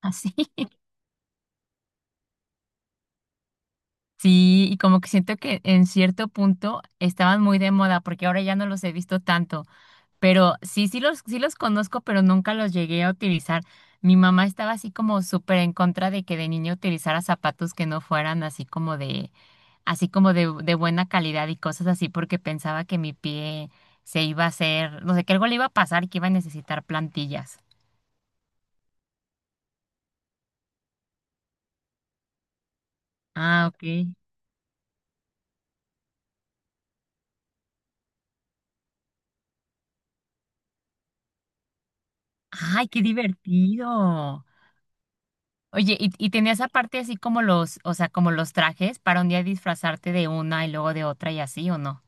Así. Sí, y como que siento que en cierto punto estaban muy de moda porque ahora ya no los he visto tanto, pero sí, sí los conozco, pero nunca los llegué a utilizar. Mi mamá estaba así como súper en contra de que de niña utilizara zapatos que no fueran así como de buena calidad y cosas así porque pensaba que mi pie se iba a hacer, no sé, que algo le iba a pasar y que iba a necesitar plantillas. Ah, ok. Ay, qué divertido. Oye, ¿y tenías aparte así como los, o sea, como los trajes para un día disfrazarte de una y luego de otra y así, ¿o no?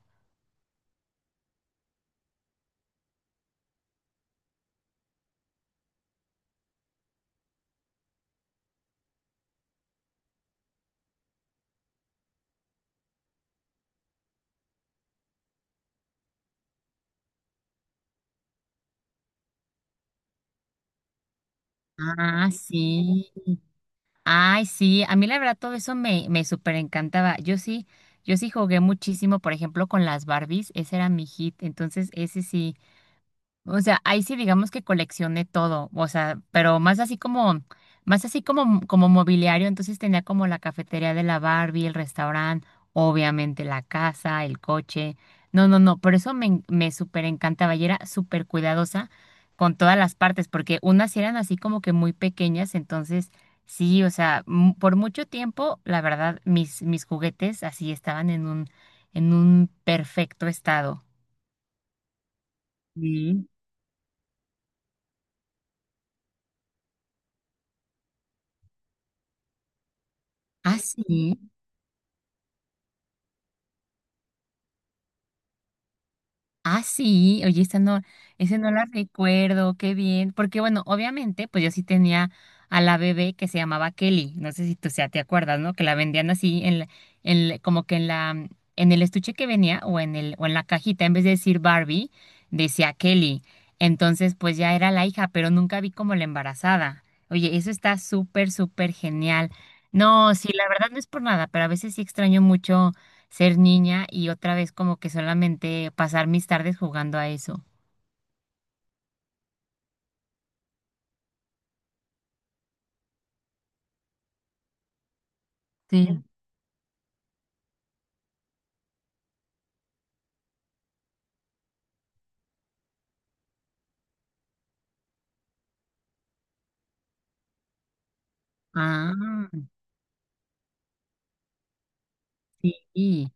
Ah, sí. Ay, sí. A mí la verdad todo eso me súper encantaba. Yo sí, yo sí jugué muchísimo, por ejemplo, con las Barbies. Ese era mi hit. Entonces, ese sí. O sea, ahí sí digamos que coleccioné todo, o sea, pero más así como mobiliario, entonces tenía como la cafetería de la Barbie, el restaurante, obviamente la casa, el coche. No, no, no, por eso me súper encantaba y era súper cuidadosa con todas las partes, porque unas sí eran así como que muy pequeñas, entonces sí, o sea, por mucho tiempo, la verdad, mis juguetes así estaban en un perfecto estado. Mm. Ah, sí. Ah, sí, oye, esa no, ese no la recuerdo, qué bien, porque bueno, obviamente, pues yo sí tenía a la bebé que se llamaba Kelly, no sé si tú, o sea, te acuerdas, ¿no? Que la vendían así en como que en la, en el estuche que venía o en la cajita, en vez de decir Barbie, decía Kelly. Entonces, pues ya era la hija, pero nunca vi como la embarazada. Oye, eso está súper, súper genial. No, sí, la verdad no es por nada, pero a veces sí extraño mucho ser niña y otra vez como que solamente pasar mis tardes jugando a eso. Sí. Ah, sí.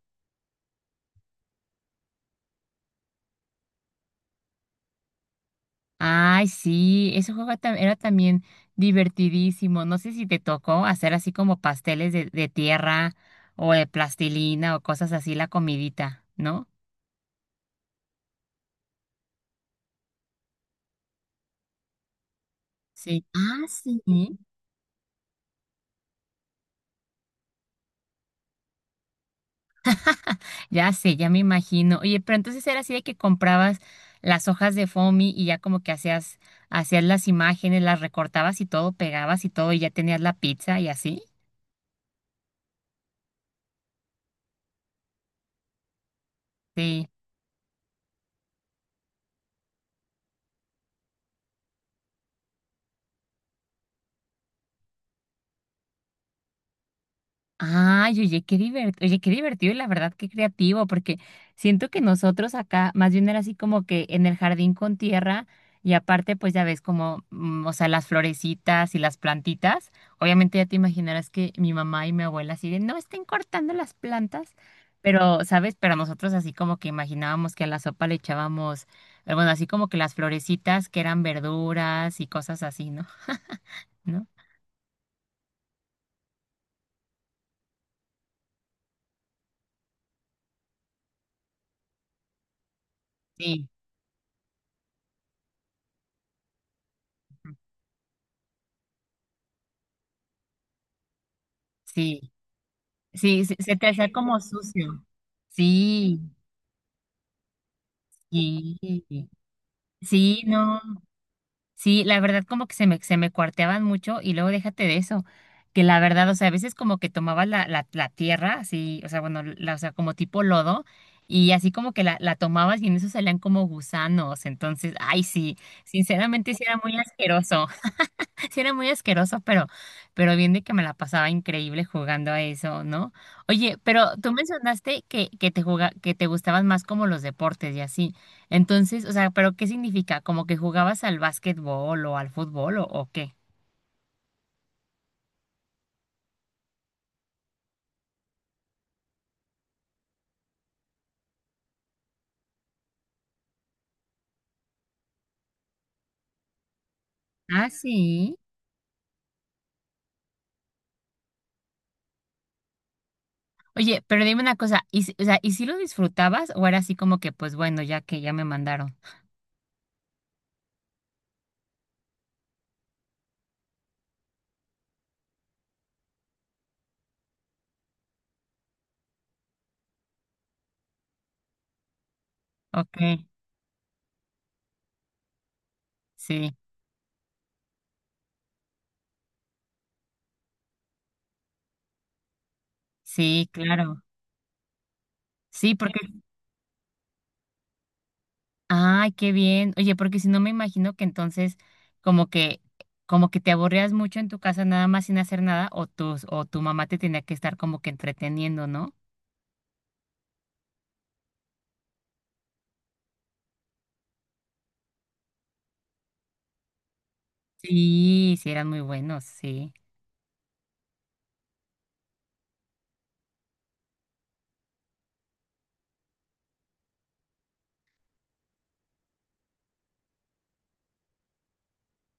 Ay, sí, ese juego era también divertidísimo. No sé si te tocó hacer así como pasteles de tierra o de plastilina o cosas así, la comidita, ¿no? Sí. Ah, sí. Ya sé, ya me imagino. Oye, pero entonces era así de que comprabas las hojas de foamy y ya como que hacías las imágenes, las recortabas y todo, pegabas y todo, y ya tenías la pizza y así. Sí. Ay, oye, qué divertido y la verdad qué creativo, porque siento que nosotros acá más bien era así como que en el jardín con tierra y aparte pues ya ves como, o sea, las florecitas y las plantitas, obviamente ya te imaginarás que mi mamá y mi abuela así de, no estén cortando las plantas, pero, ¿sabes? Pero nosotros así como que imaginábamos que a la sopa le echábamos, bueno, así como que las florecitas que eran verduras y cosas así, ¿no? ¿No? Sí, sí. Sí, se te hacía como sucio. Sí, sí, sí, no. Sí, la verdad como que se me cuarteaban mucho y luego déjate de eso, que la verdad, o sea, a veces como que tomabas la tierra, así, o sea, bueno, la, o sea, como tipo lodo, y así como que la tomabas y en eso salían como gusanos, entonces, ay, sí, sinceramente sí era muy asqueroso. Sí, era muy asqueroso, pero bien de que me la pasaba increíble jugando a eso, ¿no? Oye, pero tú mencionaste que que te gustaban más como los deportes y así. Entonces, o sea, ¿pero qué significa? ¿Como que jugabas al básquetbol o al fútbol o qué? Ah, sí. Oye, pero dime una cosa, o sea, ¿y si lo disfrutabas o era así como que, pues bueno, ya que ya me mandaron? Ok, sí, sí, claro. Sí, porque ay, qué bien. Oye, porque si no me imagino que entonces como que como que te aburrías mucho en tu casa nada más sin hacer nada o tu mamá te tenía que estar como que entreteniendo, ¿no? Sí, sí eran muy buenos, sí.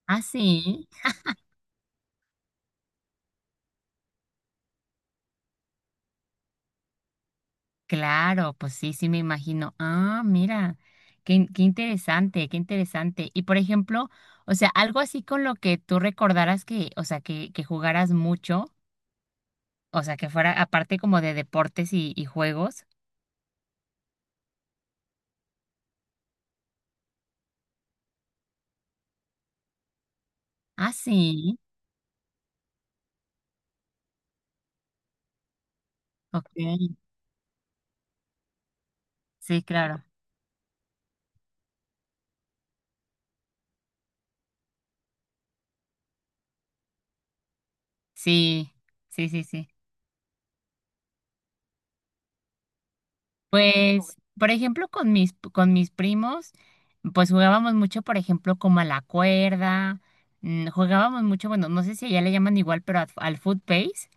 Ah, sí. Claro, pues sí, sí me imagino. Ah, mira. Qué qué interesante, qué interesante. Y por ejemplo, o sea, algo así con lo que tú recordaras que, o sea, que jugaras mucho, o sea, que fuera aparte como de deportes y juegos. Ah, sí. Ok. Sí, claro. Sí, sí, sí, sí. Pues, por ejemplo, con mis primos, pues jugábamos mucho, por ejemplo, como a la cuerda, jugábamos mucho, bueno, no sé si allá le llaman igual, pero al foot pace.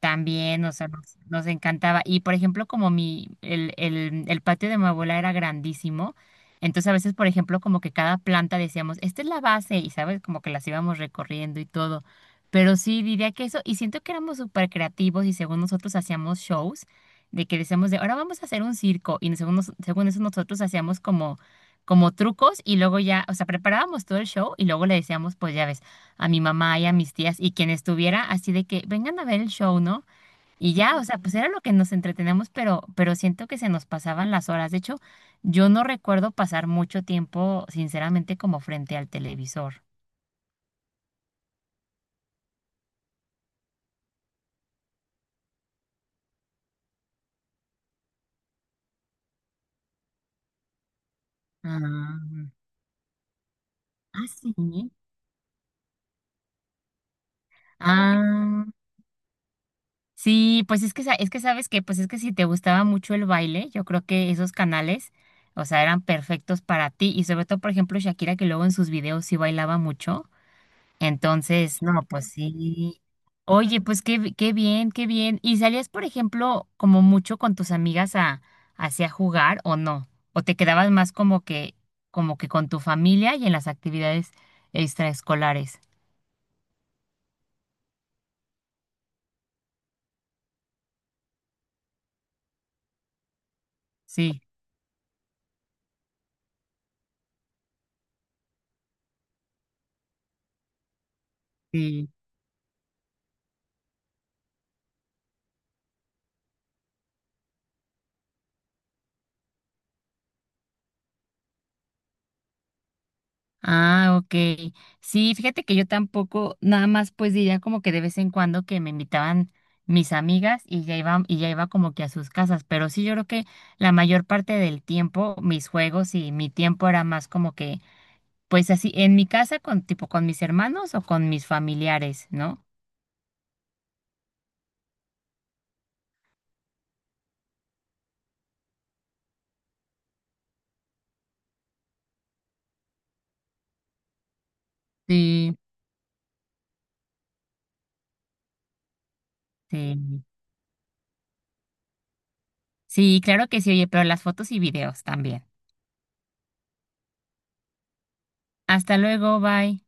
También, o sea, nos encantaba. Y por ejemplo, como mi, el patio de mi abuela era grandísimo, entonces a veces, por ejemplo, como que cada planta decíamos, esta es la base, y sabes, como que las íbamos recorriendo y todo. Pero sí, diría que eso, y siento que éramos súper creativos y según nosotros hacíamos shows, de que decíamos de, ahora vamos a hacer un circo, y según, según eso nosotros hacíamos como, como trucos y luego ya, o sea, preparábamos todo el show y luego le decíamos, pues ya ves a mi mamá y a mis tías y quien estuviera, así de que vengan a ver el show, ¿no? Y ya, o sea, pues era lo que nos entretenemos, pero siento que se nos pasaban las horas. De hecho, yo no recuerdo pasar mucho tiempo, sinceramente, como frente al televisor. Ah, ah, sí. Ah, sí, pues es que, es que sabes que, pues es que si te gustaba mucho el baile, yo creo que esos canales, o sea, eran perfectos para ti. Y sobre todo, por ejemplo, Shakira, que luego en sus videos sí bailaba mucho. Entonces, no, pues sí. Oye, pues qué qué bien, qué bien. ¿Y salías, por ejemplo, como mucho con tus amigas a hacia jugar o no? ¿O te quedabas más como que con tu familia y en las actividades extraescolares? Sí, sí. Ah, ok. Sí, fíjate que yo tampoco, nada más pues diría como que de vez en cuando que me invitaban mis amigas y ya iba como que a sus casas, pero sí yo creo que la mayor parte del tiempo mis juegos y mi tiempo era más como que pues así en mi casa con tipo con mis hermanos o con mis familiares, ¿no? Sí. Sí. Sí, claro que sí, oye, pero las fotos y videos también. Hasta luego, bye.